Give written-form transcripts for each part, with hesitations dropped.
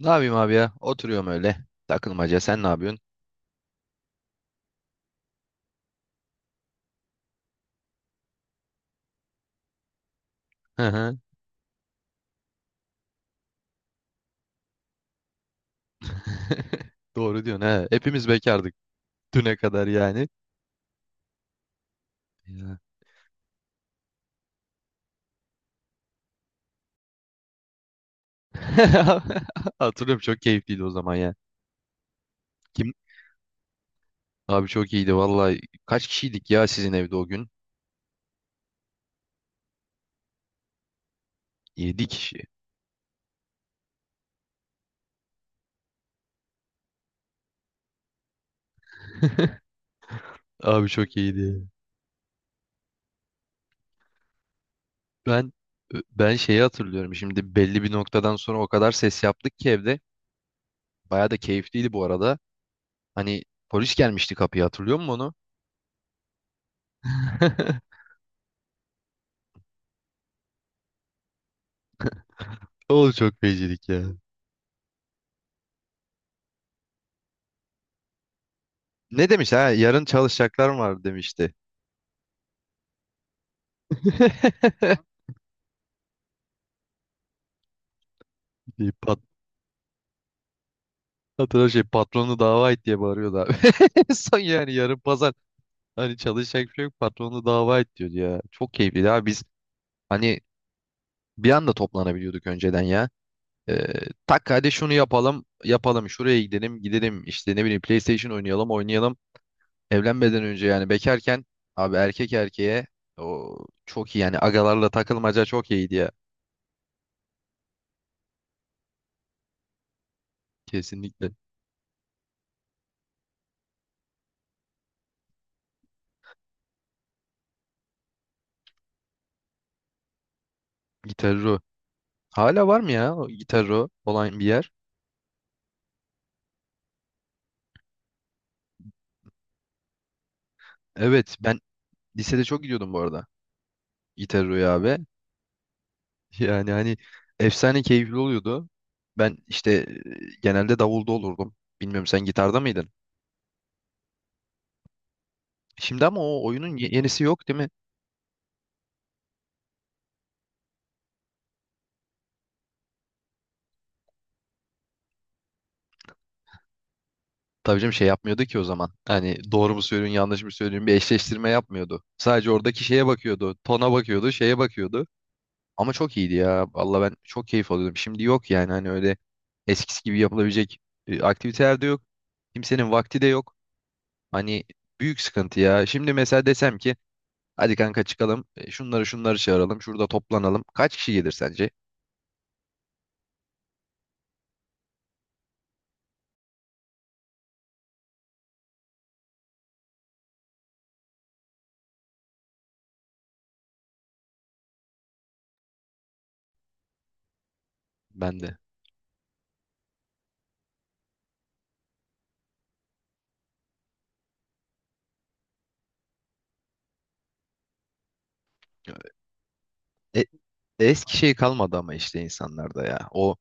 Ne yapayım abi ya? Oturuyorum öyle. Takılmaca. Sen ne yapıyorsun? Hı hı. Doğru diyorsun he. Hepimiz bekardık düne kadar yani. Ya. Hatırlıyorum, çok keyifliydi o zaman ya. Kim? Abi çok iyiydi vallahi. Kaç kişiydik ya sizin evde o gün? 7 kişi. Abi çok iyiydi. Ben ben şeyi hatırlıyorum. Şimdi belli bir noktadan sonra o kadar ses yaptık ki evde. Baya da keyifliydi bu arada. Hani polis gelmişti kapıya, hatırlıyor musun onu? O çok fecilik ya. Ne demiş ha? Yarın çalışacaklar mı var demişti. Bir pat hatırla, şey, patronu dava et diye bağırıyordu abi. Son yani yarın pazar, hani çalışacak bir şey yok, patronu dava et diyordu ya. Çok keyifliydi abi, biz hani bir anda toplanabiliyorduk önceden ya. Ee, tak hadi şunu yapalım yapalım, şuraya gidelim gidelim, işte ne bileyim PlayStation oynayalım oynayalım. Evlenmeden önce yani bekarken, abi erkek erkeğe, o çok iyi yani, agalarla takılmaca çok iyiydi ya. Kesinlikle. Gitarro. Hala var mı ya o Gitarro olan bir yer? Evet, ben lisede çok gidiyordum bu arada Gitarro'ya abi. Yani hani efsane keyifli oluyordu. Ben işte genelde davulda olurdum. Bilmiyorum, sen gitarda mıydın? Şimdi ama o oyunun yenisi yok değil mi? Tabii canım, şey yapmıyordu ki o zaman. Hani doğru mu söylüyorsun yanlış mı söylüyorsun bir eşleştirme yapmıyordu. Sadece oradaki şeye bakıyordu. Tona bakıyordu, şeye bakıyordu. Ama çok iyiydi ya. Valla ben çok keyif alıyordum. Şimdi yok yani, hani öyle eskisi gibi yapılabilecek aktiviteler de yok. Kimsenin vakti de yok. Hani büyük sıkıntı ya. Şimdi mesela desem ki hadi kanka çıkalım, şunları şunları çağıralım, şurada toplanalım. Kaç kişi gelir sence? Ben de. E, eski şey kalmadı ama işte insanlarda ya. O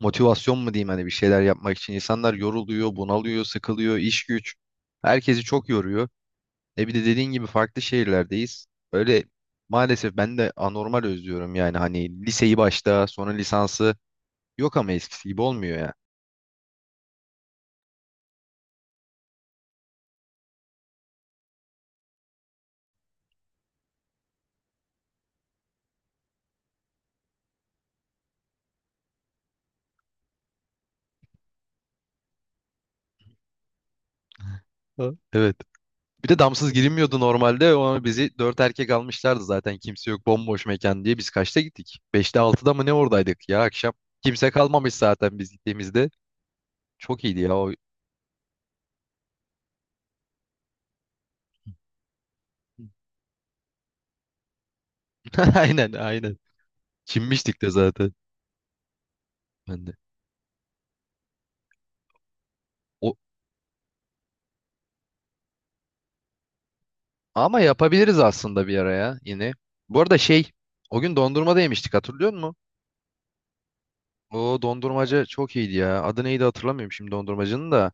motivasyon mu diyeyim, hani bir şeyler yapmak için. İnsanlar yoruluyor, bunalıyor, sıkılıyor, iş güç. Herkesi çok yoruyor. Bir de dediğin gibi farklı şehirlerdeyiz. Öyle, maalesef ben de anormal özlüyorum yani, hani liseyi başta, sonra lisansı, yok ama eskisi gibi olmuyor ya. Ha, evet. Bir de damsız girilmiyordu normalde ama bizi dört erkek almışlardı, zaten kimse yok, bomboş mekan diye. Biz kaçta gittik? Beşte altıda mı, ne, oradaydık ya akşam? Kimse kalmamış zaten biz gittiğimizde. Çok iyiydi ya o. Aynen, aynen. Çinmiştik de zaten. Ben de. O, Ama yapabiliriz aslında bir ara ya yine. Bu arada şey, o gün dondurma da yemiştik, hatırlıyor musun? O dondurmacı çok iyiydi ya. Adı neydi, hatırlamıyorum şimdi dondurmacının da.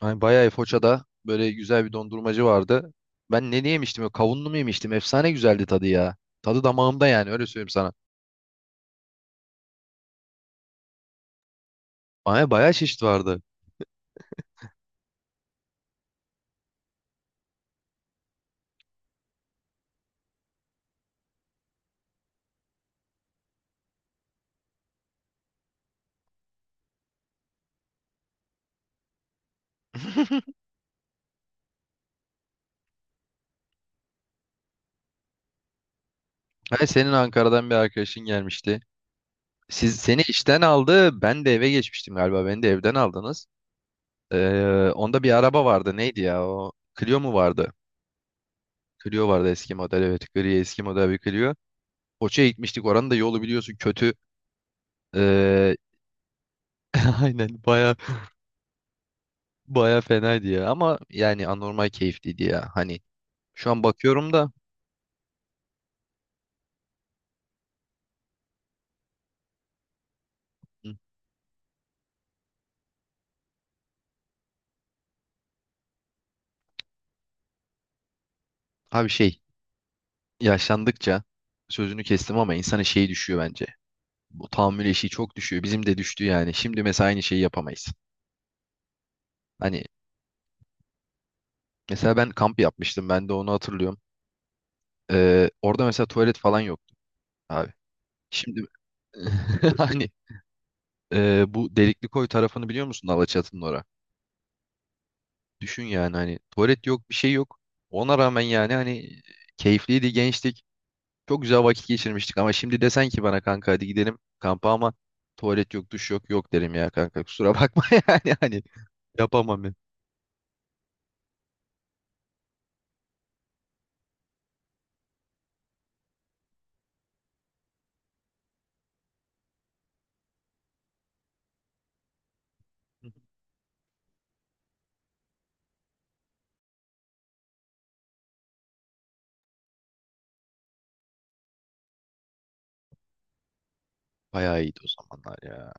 Hani bayağı Foça'da böyle güzel bir dondurmacı vardı. Ben ne yemiştim ya? Kavunlu mu yemiştim? Efsane güzeldi tadı ya. Tadı damağımda, yani öyle söyleyeyim sana. Ay, bayağı çeşit vardı. Hani senin Ankara'dan bir arkadaşın gelmişti. Siz seni işten aldı. Ben de eve geçmiştim galiba. Beni de evden aldınız. Onda bir araba vardı. Neydi ya o? Clio mu vardı? Clio vardı eski model, evet. Gri eski model bir Clio. Foça'ya gitmiştik. Oranın da yolu biliyorsun kötü. Ee, aynen baya, baya fenaydı ya. Ama yani anormal keyifliydi ya. Hani şu an bakıyorum da hı, abi, şey, yaşlandıkça, sözünü kestim ama, insanın şeyi düşüyor bence. Bu tahammül eşiği çok düşüyor. Bizim de düştü yani. Şimdi mesela aynı şeyi yapamayız. Hani mesela ben kamp yapmıştım. Ben de onu hatırlıyorum. Orada mesela tuvalet falan yoktu abi. Şimdi hani, bu delikli koy tarafını biliyor musun, Alaçatı'nın ora? Düşün yani, hani tuvalet yok, bir şey yok. Ona rağmen yani, hani keyifliydi, gençtik. Çok güzel vakit geçirmiştik ama şimdi desen ki bana kanka hadi gidelim kampa, ama tuvalet yok, duş yok, yok derim ya kanka, kusura bakma. Yani hani yapamam ben. Bayağı iyiydi o zamanlar ya.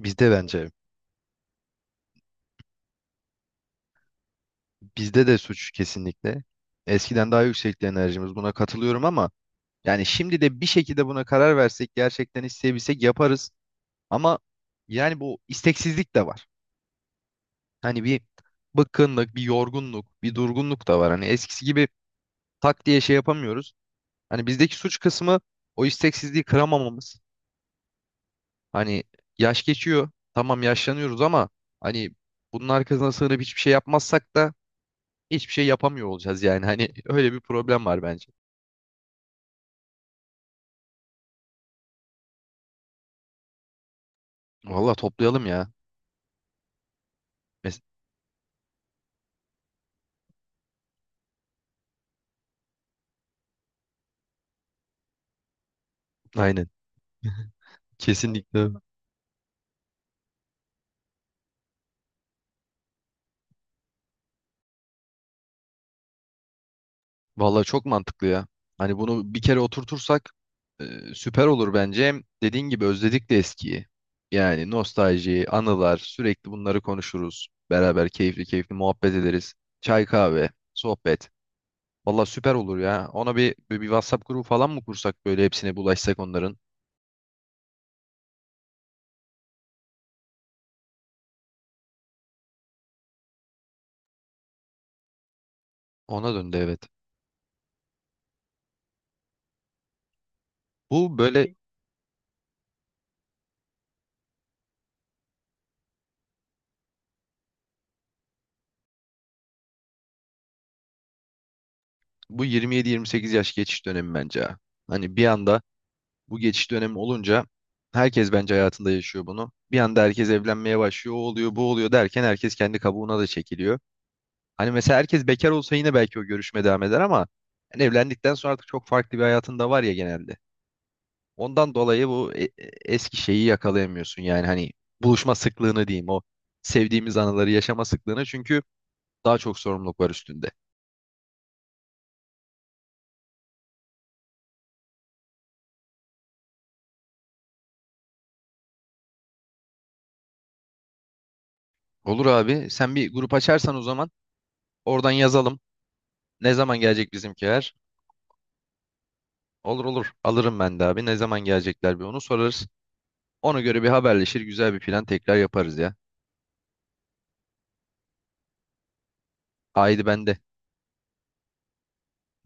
Bizde bence bizde de suç, kesinlikle. Eskiden daha yüksekti enerjimiz, buna katılıyorum ama yani şimdi de bir şekilde buna karar versek, gerçekten isteyebilsek yaparız. Ama yani bu isteksizlik de var. Hani bir bıkkınlık, bir yorgunluk, bir durgunluk da var. Hani eskisi gibi tak diye şey yapamıyoruz. Hani bizdeki suç kısmı o isteksizliği kıramamamız. Hani yaş geçiyor. Tamam, yaşlanıyoruz ama hani bunun arkasına sığınıp hiçbir şey yapmazsak da hiçbir şey yapamıyor olacağız yani. Hani öyle bir problem var bence. Vallahi toplayalım ya. Mes- Aynen. Kesinlikle. Vallahi çok mantıklı ya. Hani bunu bir kere oturtursak e, süper olur bence. Hem dediğin gibi özledik de eskiyi. Yani nostalji, anılar, sürekli bunları konuşuruz. Beraber keyifli keyifli muhabbet ederiz. Çay kahve, sohbet. Vallahi süper olur ya. Ona bir WhatsApp grubu falan mı kursak, böyle hepsine bulaşsak onların? Ona döndü, evet. Bu böyle bu 27-28 yaş geçiş dönemi bence ha. Hani bir anda bu geçiş dönemi olunca herkes bence hayatında yaşıyor bunu. Bir anda herkes evlenmeye başlıyor, o oluyor, bu oluyor derken herkes kendi kabuğuna da çekiliyor. Hani mesela herkes bekar olsa yine belki o görüşme devam eder ama hani evlendikten sonra artık çok farklı bir hayatın da var ya genelde. Ondan dolayı bu eski şeyi yakalayamıyorsun yani, hani buluşma sıklığını diyeyim, o sevdiğimiz anıları yaşama sıklığını, çünkü daha çok sorumluluk var üstünde. Olur abi, sen bir grup açarsan o zaman oradan yazalım. Ne zaman gelecek bizimkiler? Olur olur. Alırım ben de abi. Ne zaman gelecekler bir onu sorarız. Ona göre bir haberleşir. Güzel bir plan tekrar yaparız ya. Haydi ben de